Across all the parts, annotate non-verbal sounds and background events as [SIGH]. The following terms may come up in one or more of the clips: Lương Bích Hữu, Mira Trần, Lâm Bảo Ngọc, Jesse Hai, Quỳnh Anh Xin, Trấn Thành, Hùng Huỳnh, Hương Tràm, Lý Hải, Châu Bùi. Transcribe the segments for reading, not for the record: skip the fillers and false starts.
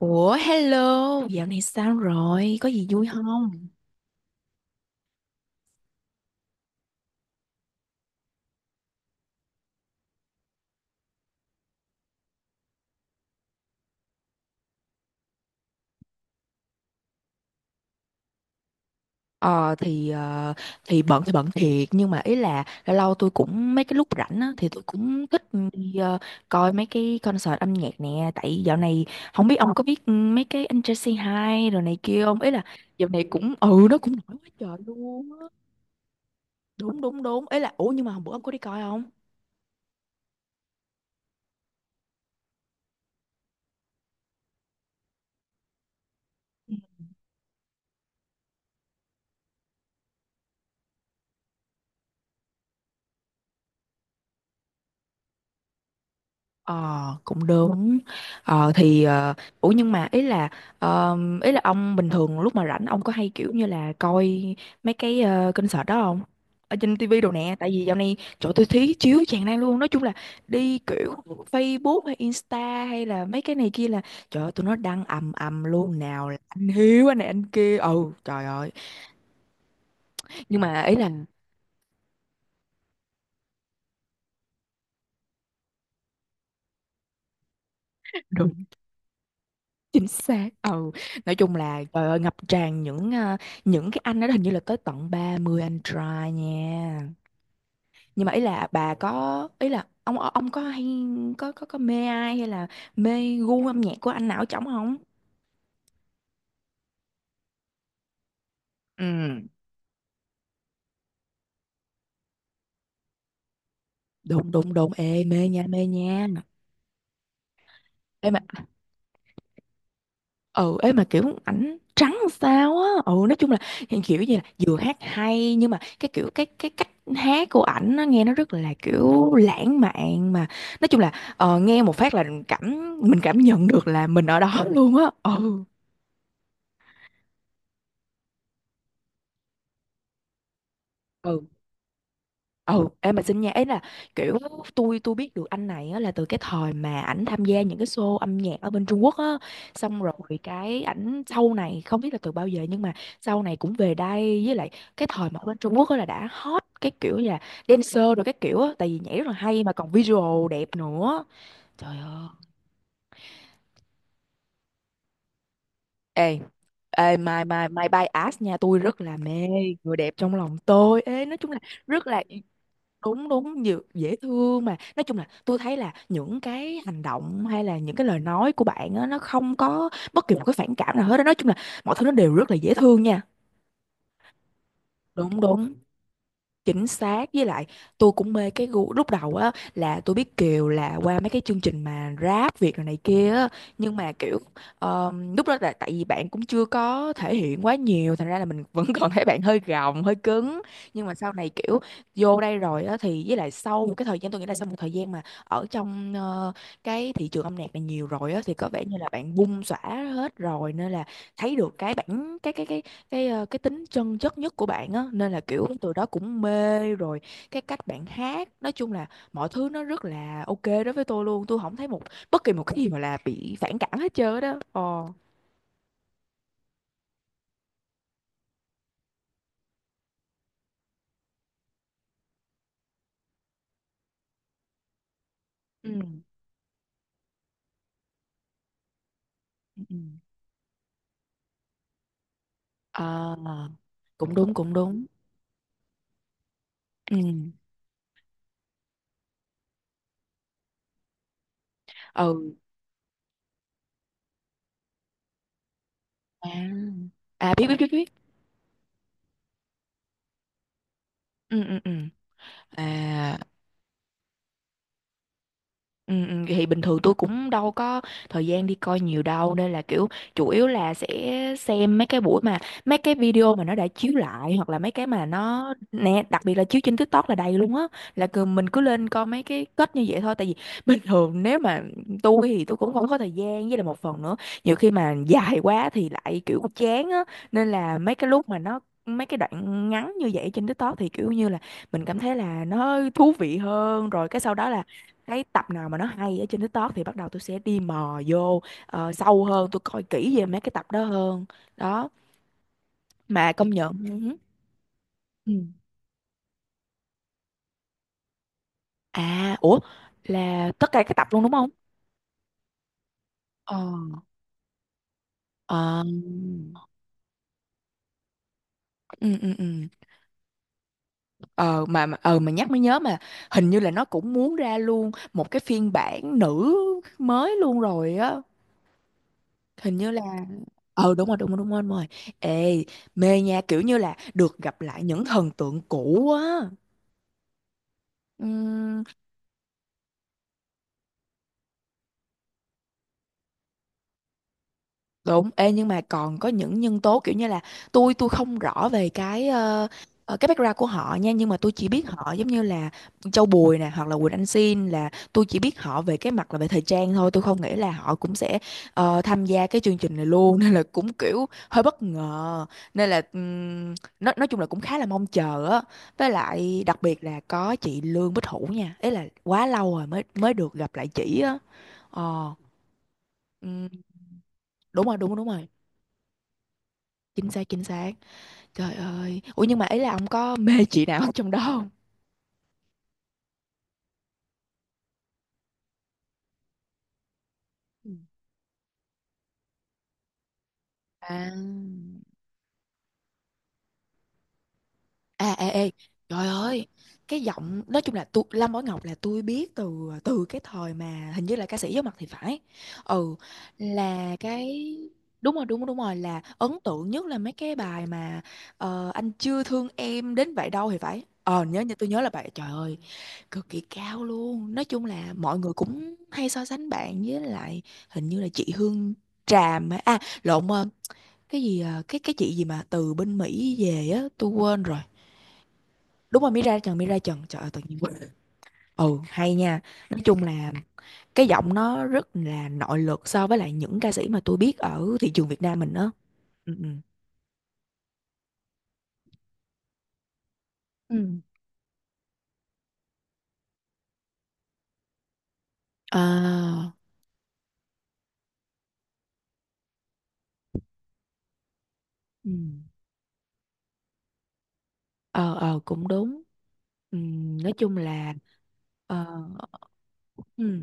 Ủa hello, dạo này sao rồi? Có gì vui không? Ờ thì bận thì bận thiệt, nhưng mà ý là lâu lâu tôi cũng mấy cái lúc rảnh á thì tôi cũng thích đi coi mấy cái concert âm nhạc nè, tại dạo này không biết ông có biết, mấy cái anh Jesse Hai rồi này kia không? Ý là dạo này cũng, nó cũng nổi quá trời luôn á. Đúng đúng đúng. Ý là ủa nhưng mà hôm bữa ông có đi coi không? Ờ, cũng đúng. Ờ thì, ủa nhưng mà ý là ờ, ý là ông bình thường lúc mà rảnh, ông có hay kiểu như là coi mấy cái concert đó không, ở trên tivi đồ nè? Tại vì dạo này chỗ tôi thí chiếu tràn lan luôn. Nói chung là đi kiểu Facebook hay Insta hay là mấy cái này kia là, trời ơi, tụi nó đăng ầm ầm luôn, nào là anh Hiếu anh này anh kia, ừ, trời ơi. Nhưng mà ý là [LAUGHS] [LAUGHS] chính xác, ừ, nói chung là trời ơi ngập tràn những cái anh đó, hình như là tới tận 30 anh trai nha. Nhưng mà ý là bà có, ý là ông, ông có hay có mê ai hay là mê gu âm nhạc của anh nào ở trống không? Ừ, đúng đúng đúng, ê, mê nha mê nha. Ê, mà ừ, ấy mà kiểu ảnh trắng sao á, ừ, nói chung là hiện kiểu như là vừa hát hay, nhưng mà cái kiểu cái cách hát của ảnh nó nghe nó rất là kiểu lãng mạn, mà nói chung là nghe một phát là mình cảm nhận được là mình ở đó luôn á, ừ. Ừ, em mà xin nha, ấy là kiểu tôi biết được anh này á, là từ cái thời mà ảnh tham gia những cái show âm nhạc ở bên Trung Quốc á, xong rồi cái ảnh sau này không biết là từ bao giờ, nhưng mà sau này cũng về đây, với lại cái thời mà ở bên Trung Quốc á là đã hot, cái kiểu là dancer rồi cái kiểu á, tại vì nhảy rất là hay mà còn visual đẹp nữa, trời ơi. Ê ê, my my my bias nha, tôi rất là mê, người đẹp trong lòng tôi, ê, nói chung là rất là, đúng đúng, nhiều dễ thương, mà nói chung là tôi thấy là những cái hành động hay là những cái lời nói của bạn á, nó không có bất kỳ một cái phản cảm nào hết á. Nói chung là mọi thứ nó đều rất là dễ thương nha. Đúng đúng, chính xác, với lại tôi cũng mê cái gu. Lúc đầu á là tôi biết Kiều là qua mấy cái chương trình mà rap Việt rồi này kia á, nhưng mà kiểu lúc đó là tại vì bạn cũng chưa có thể hiện quá nhiều, thành ra là mình vẫn [LAUGHS] còn thấy bạn hơi gồng hơi cứng. Nhưng mà sau này kiểu vô đây rồi á thì, với lại sau một cái thời gian, tôi nghĩ là sau một thời gian mà ở trong cái thị trường âm nhạc này nhiều rồi á, thì có vẻ như là bạn bung xõa hết rồi, nên là thấy được cái bản cái ờ, cái tính chân chất nhất của bạn á, nên là kiểu từ đó cũng mê rồi, cái cách bạn hát, nói chung là mọi thứ nó rất là ok đối với tôi luôn, tôi không thấy bất kỳ một cái gì mà là bị phản cảm hết trơn á đó, ồ. Ừ. Ừ. Ừ. Ờ, cũng đúng cũng đúng. Ừ, ừ, à, à biết biết biết biết, ừ ừ ừ, à. Ừ, ừ, thì bình thường tôi cũng đâu có thời gian đi coi nhiều đâu, nên là kiểu chủ yếu là sẽ xem mấy cái video mà nó đã chiếu lại, hoặc là mấy cái mà nó nè, đặc biệt là chiếu trên TikTok là đầy luôn á. Là cứ, mình cứ lên coi mấy cái kết như vậy thôi, tại vì [LAUGHS] bình thường nếu mà tôi cũng không có thời gian, với là một phần nữa nhiều khi mà dài quá thì lại kiểu chán á, nên là mấy cái lúc mà nó mấy cái đoạn ngắn như vậy trên TikTok thì kiểu như là mình cảm thấy là nó thú vị hơn, rồi cái sau đó là thấy tập nào mà nó hay ở trên TikTok thì bắt đầu tôi sẽ đi mò vô sâu hơn, tôi coi kỹ về mấy cái tập đó hơn đó, mà công nhận ừ. Ừ, à ủa, là tất cả các tập luôn đúng không? Ờ, ờ, ừ ừ ừ, ờ, mà nhắc mới nhớ mà hình như là nó cũng muốn ra luôn một cái phiên bản nữ mới luôn rồi á, hình như là, ờ, đúng rồi đúng rồi đúng rồi đúng rồi, ê, mê nha, kiểu như là được gặp lại những thần tượng cũ á, ừ. Đúng, ê, nhưng mà còn có những nhân tố kiểu như là tôi không rõ về cái background của họ nha, nhưng mà tôi chỉ biết họ giống như là Châu Bùi nè, hoặc là Quỳnh Anh Xin, là tôi chỉ biết họ về cái mặt là về thời trang thôi, tôi không nghĩ là họ cũng sẽ tham gia cái chương trình này luôn [LAUGHS] nên là cũng kiểu hơi bất ngờ, nên là nói chung là cũng khá là mong chờ á, với lại đặc biệt là có chị Lương Bích Hữu nha, ấy là quá lâu rồi mới mới được gặp lại chị á, ờ, ừm, đúng rồi đúng đúng rồi, chính xác chính xác, trời ơi, ủa nhưng mà ấy là ông có mê chị nào trong đó không? Ừ, à. À, ê, ê, trời ơi, cái giọng, nói chung là tôi, Lâm Bảo Ngọc là tôi biết từ từ cái thời mà hình như là ca sĩ giấu mặt thì phải. Ừ, là cái, đúng rồi, đúng rồi, đúng rồi, là ấn tượng nhất là mấy cái bài mà, anh chưa thương em đến vậy đâu thì phải. Ờ, nhớ, như tôi nhớ là bài, trời ơi, cực kỳ cao luôn. Nói chung là mọi người cũng hay so sánh bạn với lại hình như là chị Hương Tràm, á, à lộn, cái gì, cái chị gì mà từ bên Mỹ về á, tôi quên rồi, đúng rồi, Mira Trần Mira Trần, trời ơi, tự nhiên quên, ừ hay nha, nói chung là cái giọng nó rất là nội lực so với lại những ca sĩ mà tôi biết ở thị trường Việt Nam mình đó, ừ ừ, ừ, ờ, ừ, ờ, cũng đúng, ừ, nói chung là, ờ, ừ.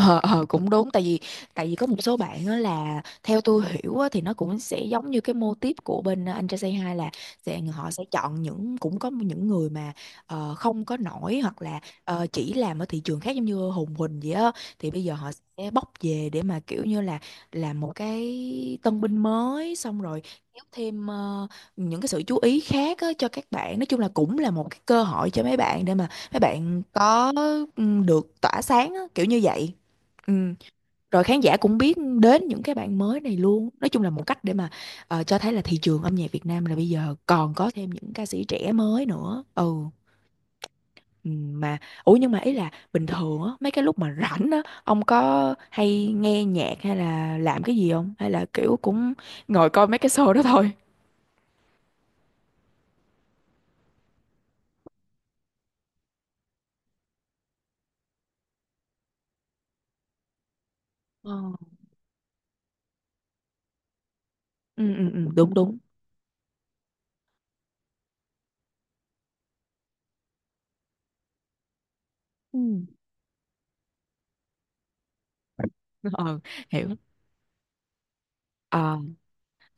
Ờ, ờ, cũng đúng, tại vì có một số bạn á là theo tôi hiểu á, thì nó cũng sẽ giống như cái mô típ của bên anh trai Say Hi, là sẽ họ sẽ chọn những, cũng có những người mà không có nổi hoặc là chỉ làm ở thị trường khác giống như Hùng Huỳnh vậy á, thì bây giờ họ sẽ bóc về để mà kiểu như là làm một cái tân binh mới, xong rồi kéo thêm những cái sự chú ý khác á, cho các bạn, nói chung là cũng là một cái cơ hội cho mấy bạn để mà mấy bạn có, được tỏa sáng á, kiểu như vậy. Ừ, rồi khán giả cũng biết đến những cái bạn mới này luôn. Nói chung là một cách để mà cho thấy là thị trường âm nhạc Việt Nam là bây giờ còn có thêm những ca sĩ trẻ mới nữa. Ừ. Ừ, mà ủa nhưng mà ý là bình thường á mấy cái lúc mà rảnh á, ông có hay nghe nhạc hay là làm cái gì không, hay là kiểu cũng ngồi coi mấy cái show đó thôi? Ờ. Ừ ừ ừ, đúng đúng. [LAUGHS] Ừ. ờ Hiểu.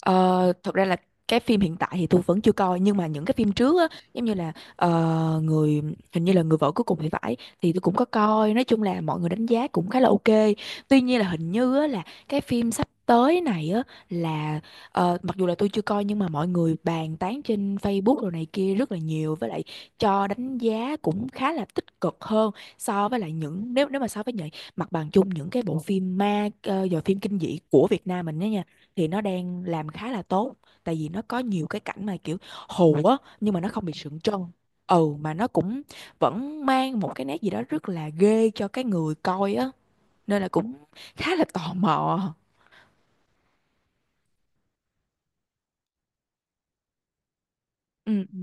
Ờ, thật ra là cái phim hiện tại thì tôi vẫn chưa coi, nhưng mà những cái phim trước á, giống như là người, hình như là Người Vợ Cuối Cùng thì phải, thì tôi cũng có coi. Nói chung là mọi người đánh giá cũng khá là ok. Tuy nhiên là hình như á, là cái phim sắp tới này á, là mặc dù là tôi chưa coi, nhưng mà mọi người bàn tán trên Facebook rồi này kia rất là nhiều, với lại cho đánh giá cũng khá là tích cực hơn so với lại những, nếu nếu mà so với những mặt bằng chung những cái bộ phim ma, phim kinh dị của Việt Nam mình đó nha, thì nó đang làm khá là tốt. Tại vì nó có nhiều cái cảnh mà kiểu hù á, nhưng mà nó không bị sượng trân. Ừ, mà nó cũng vẫn mang một cái nét gì đó rất là ghê cho cái người coi á, nên là cũng khá là tò mò. Ừ ừ.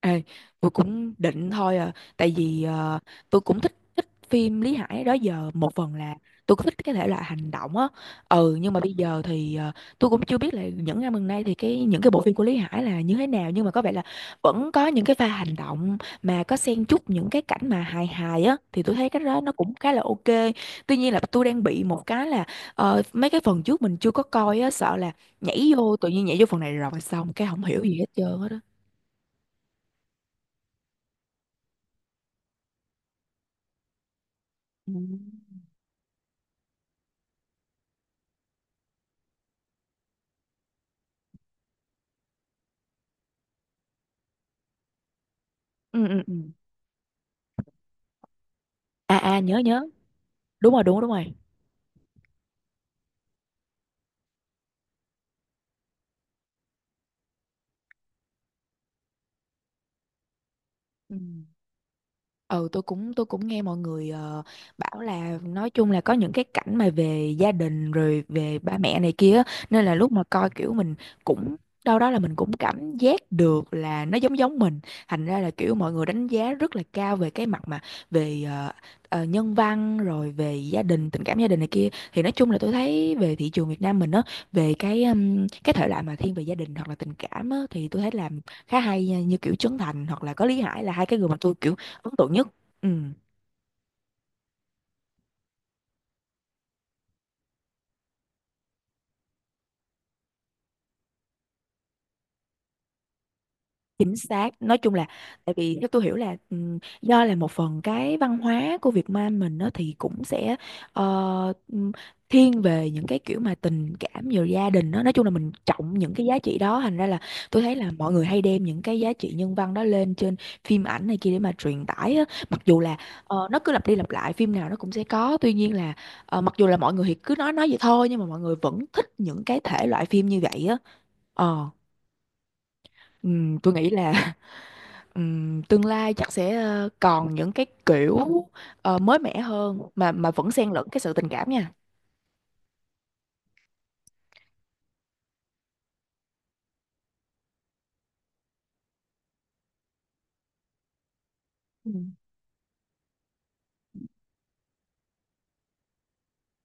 Ê, tôi cũng định thôi à, tại vì ờ, tôi cũng thích thích phim Lý Hải đó giờ, một phần là tôi cũng thích cái thể loại hành động á. Ừ, nhưng mà bây giờ thì ờ, tôi cũng chưa biết là những năm gần đây thì cái những cái bộ phim của Lý Hải là như thế nào, nhưng mà có vẻ là vẫn có những cái pha hành động mà có xen chút những cái cảnh mà hài hài á, thì tôi thấy cái đó nó cũng khá là ok. Tuy nhiên là tôi đang bị một cái là ờ, mấy cái phần trước mình chưa có coi á, sợ là nhảy vô, tự nhiên nhảy vô phần này rồi xong cái không hiểu gì hết trơn hết á. Ừ. Ừ ừ ừ, à à, nhớ nhớ. Đúng rồi, đúng rồi, đúng rồi. Ừ. Ừ, tôi cũng nghe mọi người ờ, bảo là nói chung là có những cái cảnh mà về gia đình rồi về ba mẹ này kia á, nên là lúc mà coi kiểu mình cũng, đâu đó là mình cũng cảm giác được là nó giống giống mình, thành ra là kiểu mọi người đánh giá rất là cao về cái mặt mà về ờ, nhân văn rồi về gia đình, tình cảm gia đình này kia. Thì nói chung là tôi thấy về thị trường Việt Nam mình á, về cái thể loại mà thiên về gia đình hoặc là tình cảm á, thì tôi thấy làm khá hay nha, như kiểu Trấn Thành hoặc là có Lý Hải là hai cái người mà tôi kiểu ấn tượng nhất. Ừ, chính xác. Nói chung là tại vì theo tôi hiểu là ừ, do là một phần cái văn hóa của Việt Nam mình nó thì cũng sẽ ờ, ừm, thiên về những cái kiểu mà tình cảm rồi gia đình đó. Nói chung là mình trọng những cái giá trị đó, thành ra là tôi thấy là mọi người hay đem những cái giá trị nhân văn đó lên trên phim ảnh này kia để mà truyền tải á. Mặc dù là ờ, nó cứ lặp đi lặp lại, phim nào nó cũng sẽ có. Tuy nhiên là ờ, mặc dù là mọi người thì cứ nói vậy thôi, nhưng mà mọi người vẫn thích những cái thể loại phim như vậy á. Ờ. Tôi nghĩ là [LAUGHS] tương lai chắc sẽ ờ, còn những cái kiểu ờ, mới mẻ hơn mà vẫn xen lẫn cái sự tình cảm nha.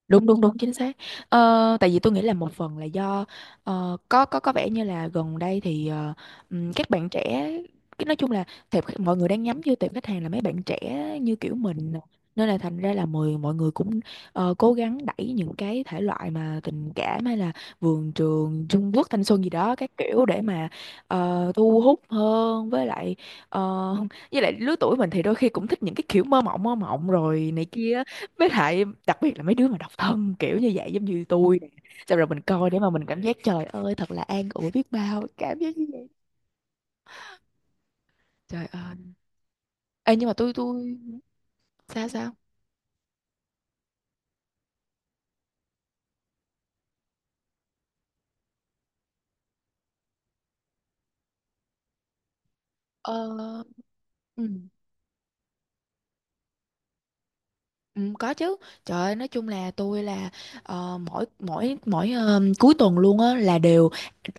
Đúng đúng đúng, chính xác. Ờ, tại vì tôi nghĩ là một phần là do ờ, có vẻ như là gần đây thì các bạn trẻ, cái nói chung là mọi người đang nhắm vô tệp khách hàng là mấy bạn trẻ như kiểu mình, nên là thành ra là mọi mọi người cũng ờ, cố gắng đẩy những cái thể loại mà tình cảm hay là vườn trường Trung Quốc, thanh xuân gì đó các kiểu để mà ờ, thu hút hơn. Với lại ờ, với lại lứa tuổi mình thì đôi khi cũng thích những cái kiểu mơ mộng rồi này kia, với lại đặc biệt là mấy đứa mà độc thân kiểu như vậy, giống như tôi nè, xong rồi mình coi để mà mình cảm giác trời ơi thật là an ủi biết bao, cảm giác như vậy. Trời ơi. Ê, nhưng mà tôi sao sao ờ ừ. Ừ, có chứ. Trời ơi, nói chung là tôi là ờ, mỗi mỗi mỗi ờ, cuối tuần luôn á là đều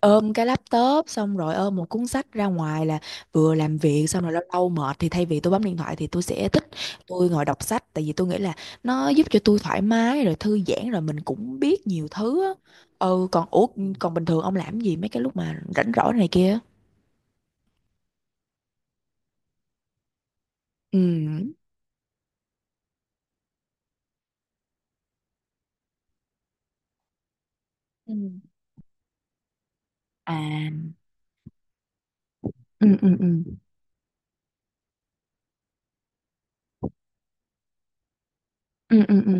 ôm cái laptop xong rồi ôm một cuốn sách ra ngoài, là vừa làm việc xong rồi lâu lâu mệt thì thay vì tôi bấm điện thoại thì tôi sẽ thích tôi ngồi đọc sách. Tại vì tôi nghĩ là nó giúp cho tôi thoải mái rồi thư giãn rồi mình cũng biết nhiều thứ á. Ừ, còn ủa, còn bình thường ông làm gì mấy cái lúc mà rảnh rỗi này kia? Ừ. Ừ. À. Ừ ừ ừ. Ừ ừ ừ.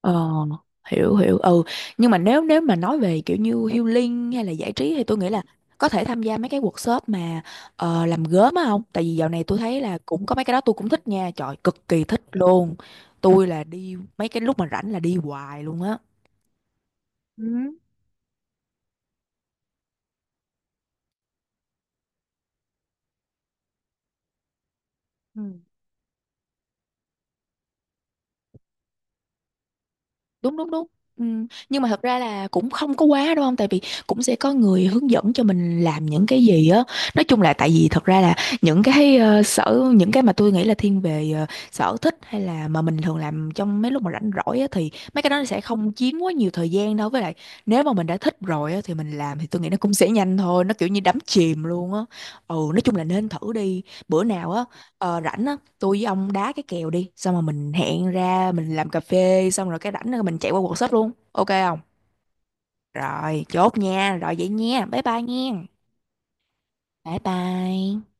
Ờ, hiểu hiểu. Ừ, nhưng mà nếu nếu mà nói về kiểu như healing hay là giải trí thì tôi nghĩ là có thể tham gia mấy cái workshop mà ờ, làm gốm á không? Tại vì dạo này tôi thấy là cũng có mấy cái đó, tôi cũng thích nha, trời cực kỳ thích luôn. Tôi là đi mấy cái lúc mà rảnh là đi hoài luôn á. Ừ. Ừ. Đúng đúng đúng. Ừ. Nhưng mà thật ra là cũng không có quá đúng không, tại vì cũng sẽ có người hướng dẫn cho mình làm những cái gì á. Nói chung là tại vì thật ra là những cái ờ, những cái mà tôi nghĩ là thiên về ờ, sở thích hay là mà mình thường làm trong mấy lúc mà rảnh rỗi á, thì mấy cái đó nó sẽ không chiếm quá nhiều thời gian đâu. Với lại nếu mà mình đã thích rồi á thì mình làm, thì tôi nghĩ nó cũng sẽ nhanh thôi, nó kiểu như đắm chìm luôn á. Ừ, nói chung là nên thử đi. Bữa nào á, ờ, rảnh á tôi với ông đá cái kèo đi, xong rồi mình hẹn ra mình làm cà phê, xong rồi cái rảnh rồi mình chạy qua quần sách luôn, ok không? Rồi chốt nha, rồi vậy nha, bye bye nha. Bye bye.